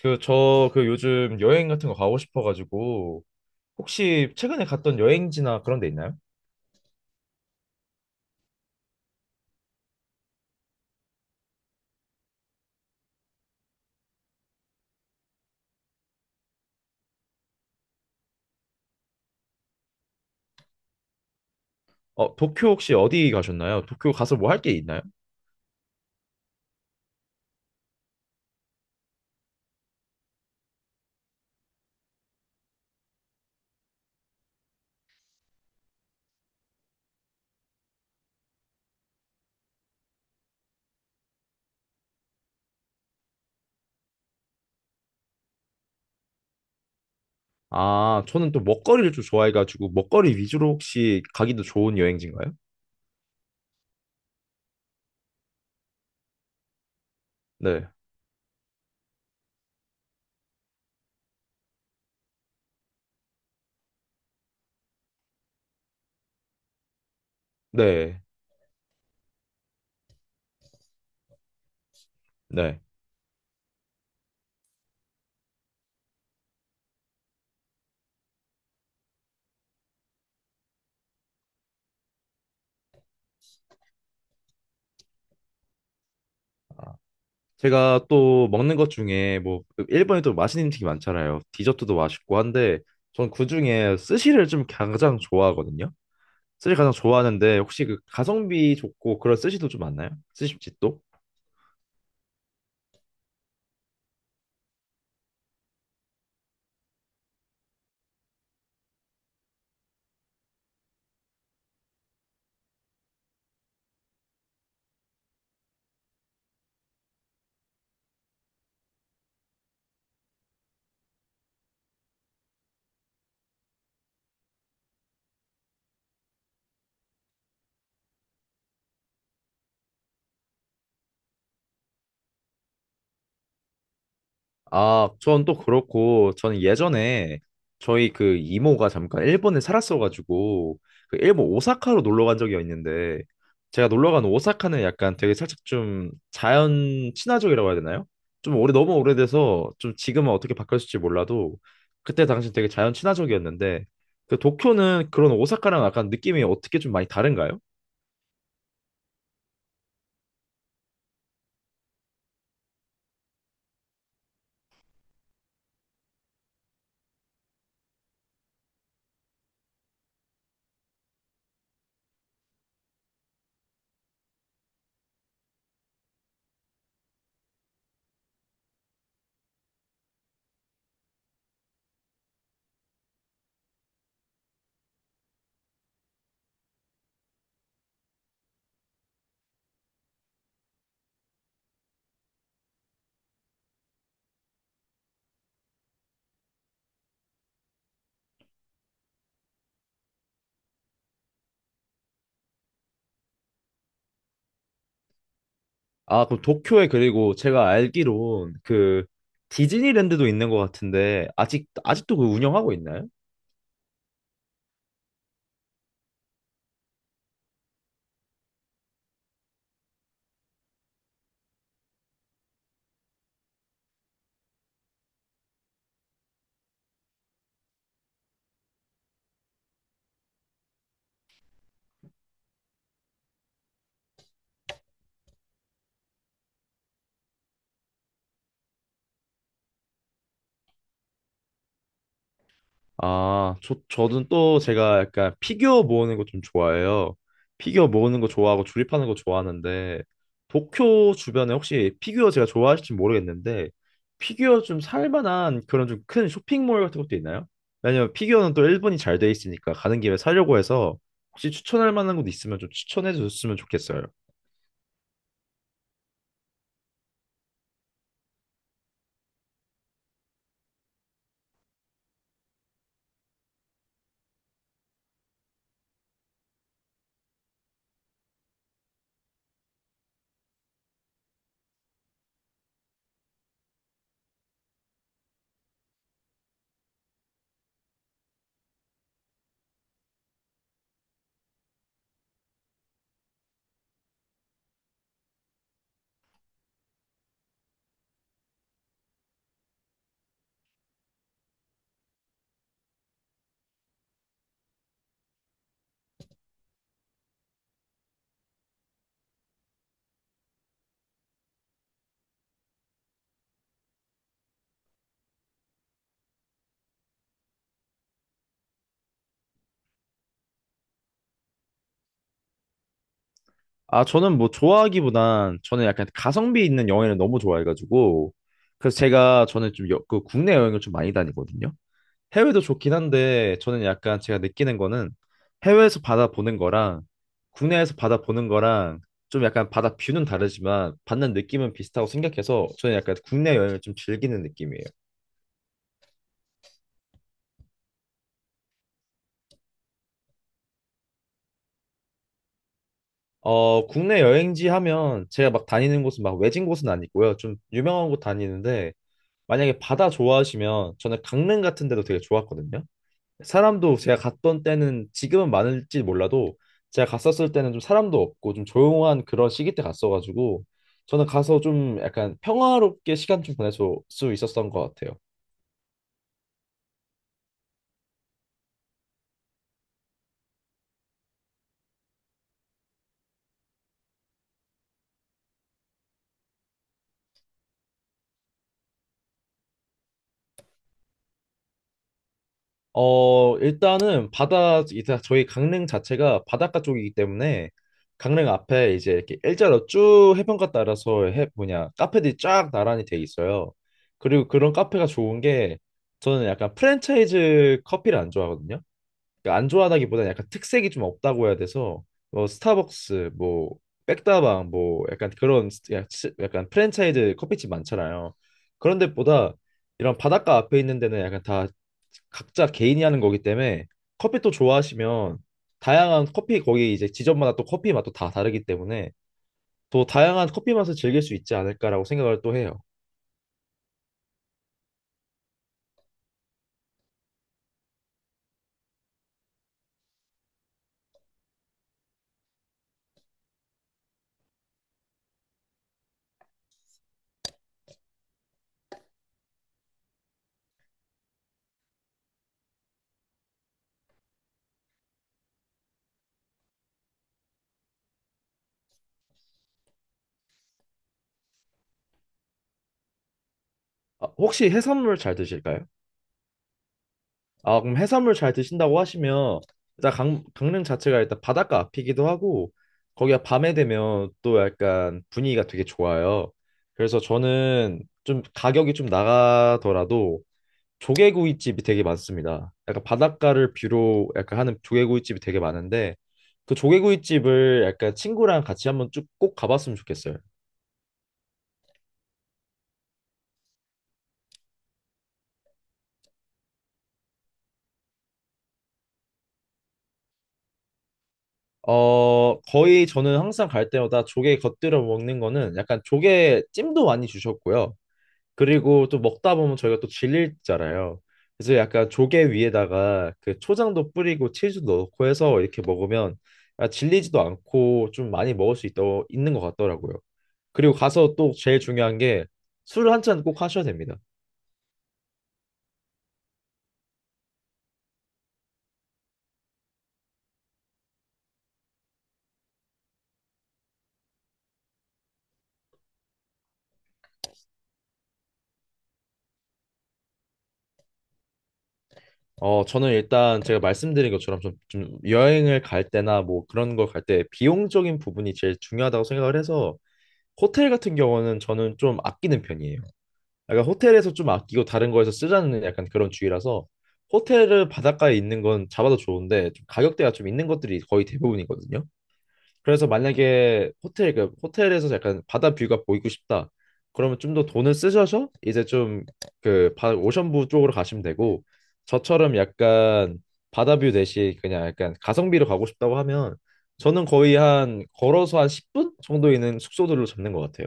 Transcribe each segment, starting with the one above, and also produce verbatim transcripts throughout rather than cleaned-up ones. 그, 저, 그 요즘 여행 같은 거 가고 싶어가지고, 혹시 최근에 갔던 여행지나 그런 데 있나요? 어, 도쿄 혹시 어디 가셨나요? 도쿄 가서 뭐 할 게 있나요? 아, 저는 또 먹거리를 좀 좋아해가지고, 먹거리 위주로 혹시 가기도 좋은 여행지인가요? 네, 네, 네. 제가 또 먹는 것 중에, 뭐, 일본에 또 맛있는 음식이 많잖아요. 디저트도 맛있고 한데, 전 그중에 스시를 좀 가장 좋아하거든요. 스시 가장 좋아하는데, 혹시 그 가성비 좋고 그런 스시도 좀 많나요? 스시집도? 아, 전 또 그렇고, 저는 예전에 저희 그 이모가 잠깐 일본에 살았어가지고, 그 일본 오사카로 놀러 간 적이 있는데, 제가 놀러 간 오사카는 약간 되게 살짝 좀 자연 친화적이라고 해야 되나요? 좀 오래, 너무 오래돼서 좀 지금은 어떻게 바뀌었을지 몰라도, 그때 당시 되게 자연 친화적이었는데, 그 도쿄는 그런 오사카랑 약간 느낌이 어떻게 좀 많이 다른가요? 아, 그럼 도쿄에 그리고 제가 알기론 그 디즈니랜드도 있는 것 같은데 아직 아직도 그 운영하고 있나요? 아, 저 저는 또 제가 약간 피규어 모으는 거 좀 좋아해요. 피규어 모으는 거 좋아하고 조립하는 거 좋아하는데 도쿄 주변에 혹시 피규어 제가 좋아하실지 모르겠는데 피규어 좀 살 만한 그런 좀 큰 쇼핑몰 같은 것도 있나요? 왜냐면 피규어는 또 일본이 잘 돼 있으니까 가는 김에 사려고 해서 혹시 추천할 만한 곳 있으면 좀 추천해 줬으면 좋겠어요. 아, 저는 뭐 좋아하기보단 저는 약간 가성비 있는 여행을 너무 좋아해가지고 그래서 제가 저는 좀 여, 그 국내 여행을 좀 많이 다니거든요. 해외도 좋긴 한데 저는 약간 제가 느끼는 거는 해외에서 바다 보는 거랑 국내에서 바다 보는 거랑 좀 약간 바다 뷰는 다르지만 받는 느낌은 비슷하고 생각해서 저는 약간 국내 여행을 좀 즐기는 느낌이에요. 어, 국내 여행지 하면 제가 막 다니는 곳은 막 외진 곳은 아니고요. 좀 유명한 곳 다니는데 만약에 바다 좋아하시면 저는 강릉 같은 데도 되게 좋았거든요. 사람도 제가 갔던 때는 지금은 많을지 몰라도 제가 갔었을 때는 좀 사람도 없고 좀 조용한 그런 시기 때 갔어가지고 저는 가서 좀 약간 평화롭게 시간 좀 보낼 수, 수 있었던 것 같아요. 어, 일단은 바다, 이제 저희 강릉 자체가 바닷가 쪽이기 때문에 강릉 앞에 이제 이렇게 일자로 쭉 해변가 따라서 해, 뭐냐, 카페들이 쫙 나란히 돼 있어요. 그리고 그런 카페가 좋은 게 저는 약간 프랜차이즈 커피를 안 좋아하거든요. 그러니까 안 좋아하다기보다는 약간 특색이 좀 없다고 해야 돼서 뭐 스타벅스 뭐 백다방 뭐 약간 그런 스- 야- 치- 약간 프랜차이즈 커피집 많잖아요. 그런 데보다 이런 바닷가 앞에 있는 데는 약간 다 각자 개인이 하는 거기 때문에 커피 또 좋아하시면 다양한 커피 거기 이제 지점마다 또 커피 맛도 다 다르기 때문에 또 다양한 커피 맛을 즐길 수 있지 않을까라고 생각을 또 해요. 아, 혹시 해산물 잘 드실까요? 아, 그럼 해산물 잘 드신다고 하시면 일단 강, 강릉 자체가 일단 바닷가 앞이기도 하고 거기가 밤에 되면 또 약간 분위기가 되게 좋아요. 그래서 저는 좀 가격이 좀 나가더라도 조개구이집이 되게 많습니다. 약간 바닷가를 뷰로 약간 하는 조개구이집이 되게 많은데 그 조개구이집을 약간 친구랑 같이 한번 쭉 꼭 가봤으면 좋겠어요. 어, 거의 저는 항상 갈 때마다 조개 겉들여 먹는 거는 약간 조개 찜도 많이 주셨고요. 그리고 또 먹다 보면 저희가 또 질리잖아요. 그래서 약간 조개 위에다가 그 초장도 뿌리고 치즈도 넣고 해서 이렇게 먹으면 아, 질리지도 않고 좀 많이 먹을 수있 있는 것 같더라고요. 그리고 가서 또 제일 중요한 게 술 한 잔 꼭 하셔야 됩니다. 어, 저는 일단 제가 말씀드린 것처럼 좀, 좀 여행을 갈 때나 뭐 그런 걸 갈 때 비용적인 부분이 제일 중요하다고 생각을 해서 호텔 같은 경우는 저는 좀 아끼는 편이에요. 약간 호텔에서 좀 아끼고 다른 거에서 쓰자는 약간 그런 주의라서 호텔을 바닷가에 있는 건 잡아도 좋은데 좀 가격대가 좀 있는 것들이 거의 대부분이거든요. 그래서 만약에 호텔 그 호텔에서 약간 바다 뷰가 보이고 싶다. 그러면 좀 더 돈을 쓰셔서 이제 좀그 오션뷰 쪽으로 가시면 되고 저처럼 약간 바다 뷰 대신 그냥 약간 가성비로 가고 싶다고 하면 저는 거의 한 걸어서 한 십 분 정도 있는 숙소들로 잡는 것 같아요.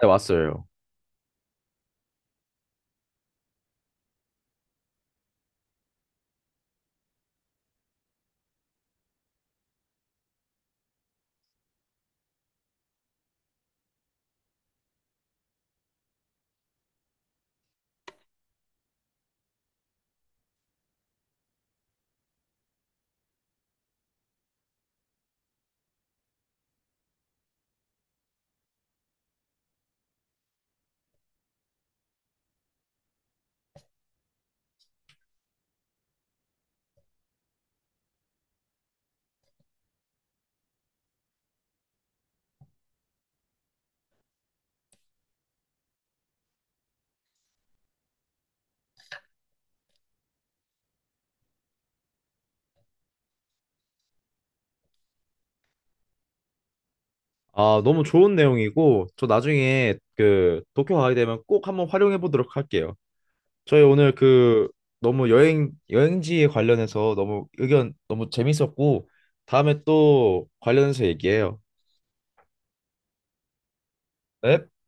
네, 왔어요. 아, 너무 좋은 내용이고, 저 나중에 그 도쿄 가게 되면 꼭 한번 활용해 보도록 할게요. 저희 오늘 그 너무 여행, 여행지에 관련해서 너무 의견 너무 재밌었고, 다음에 또 관련해서 얘기해요. 네?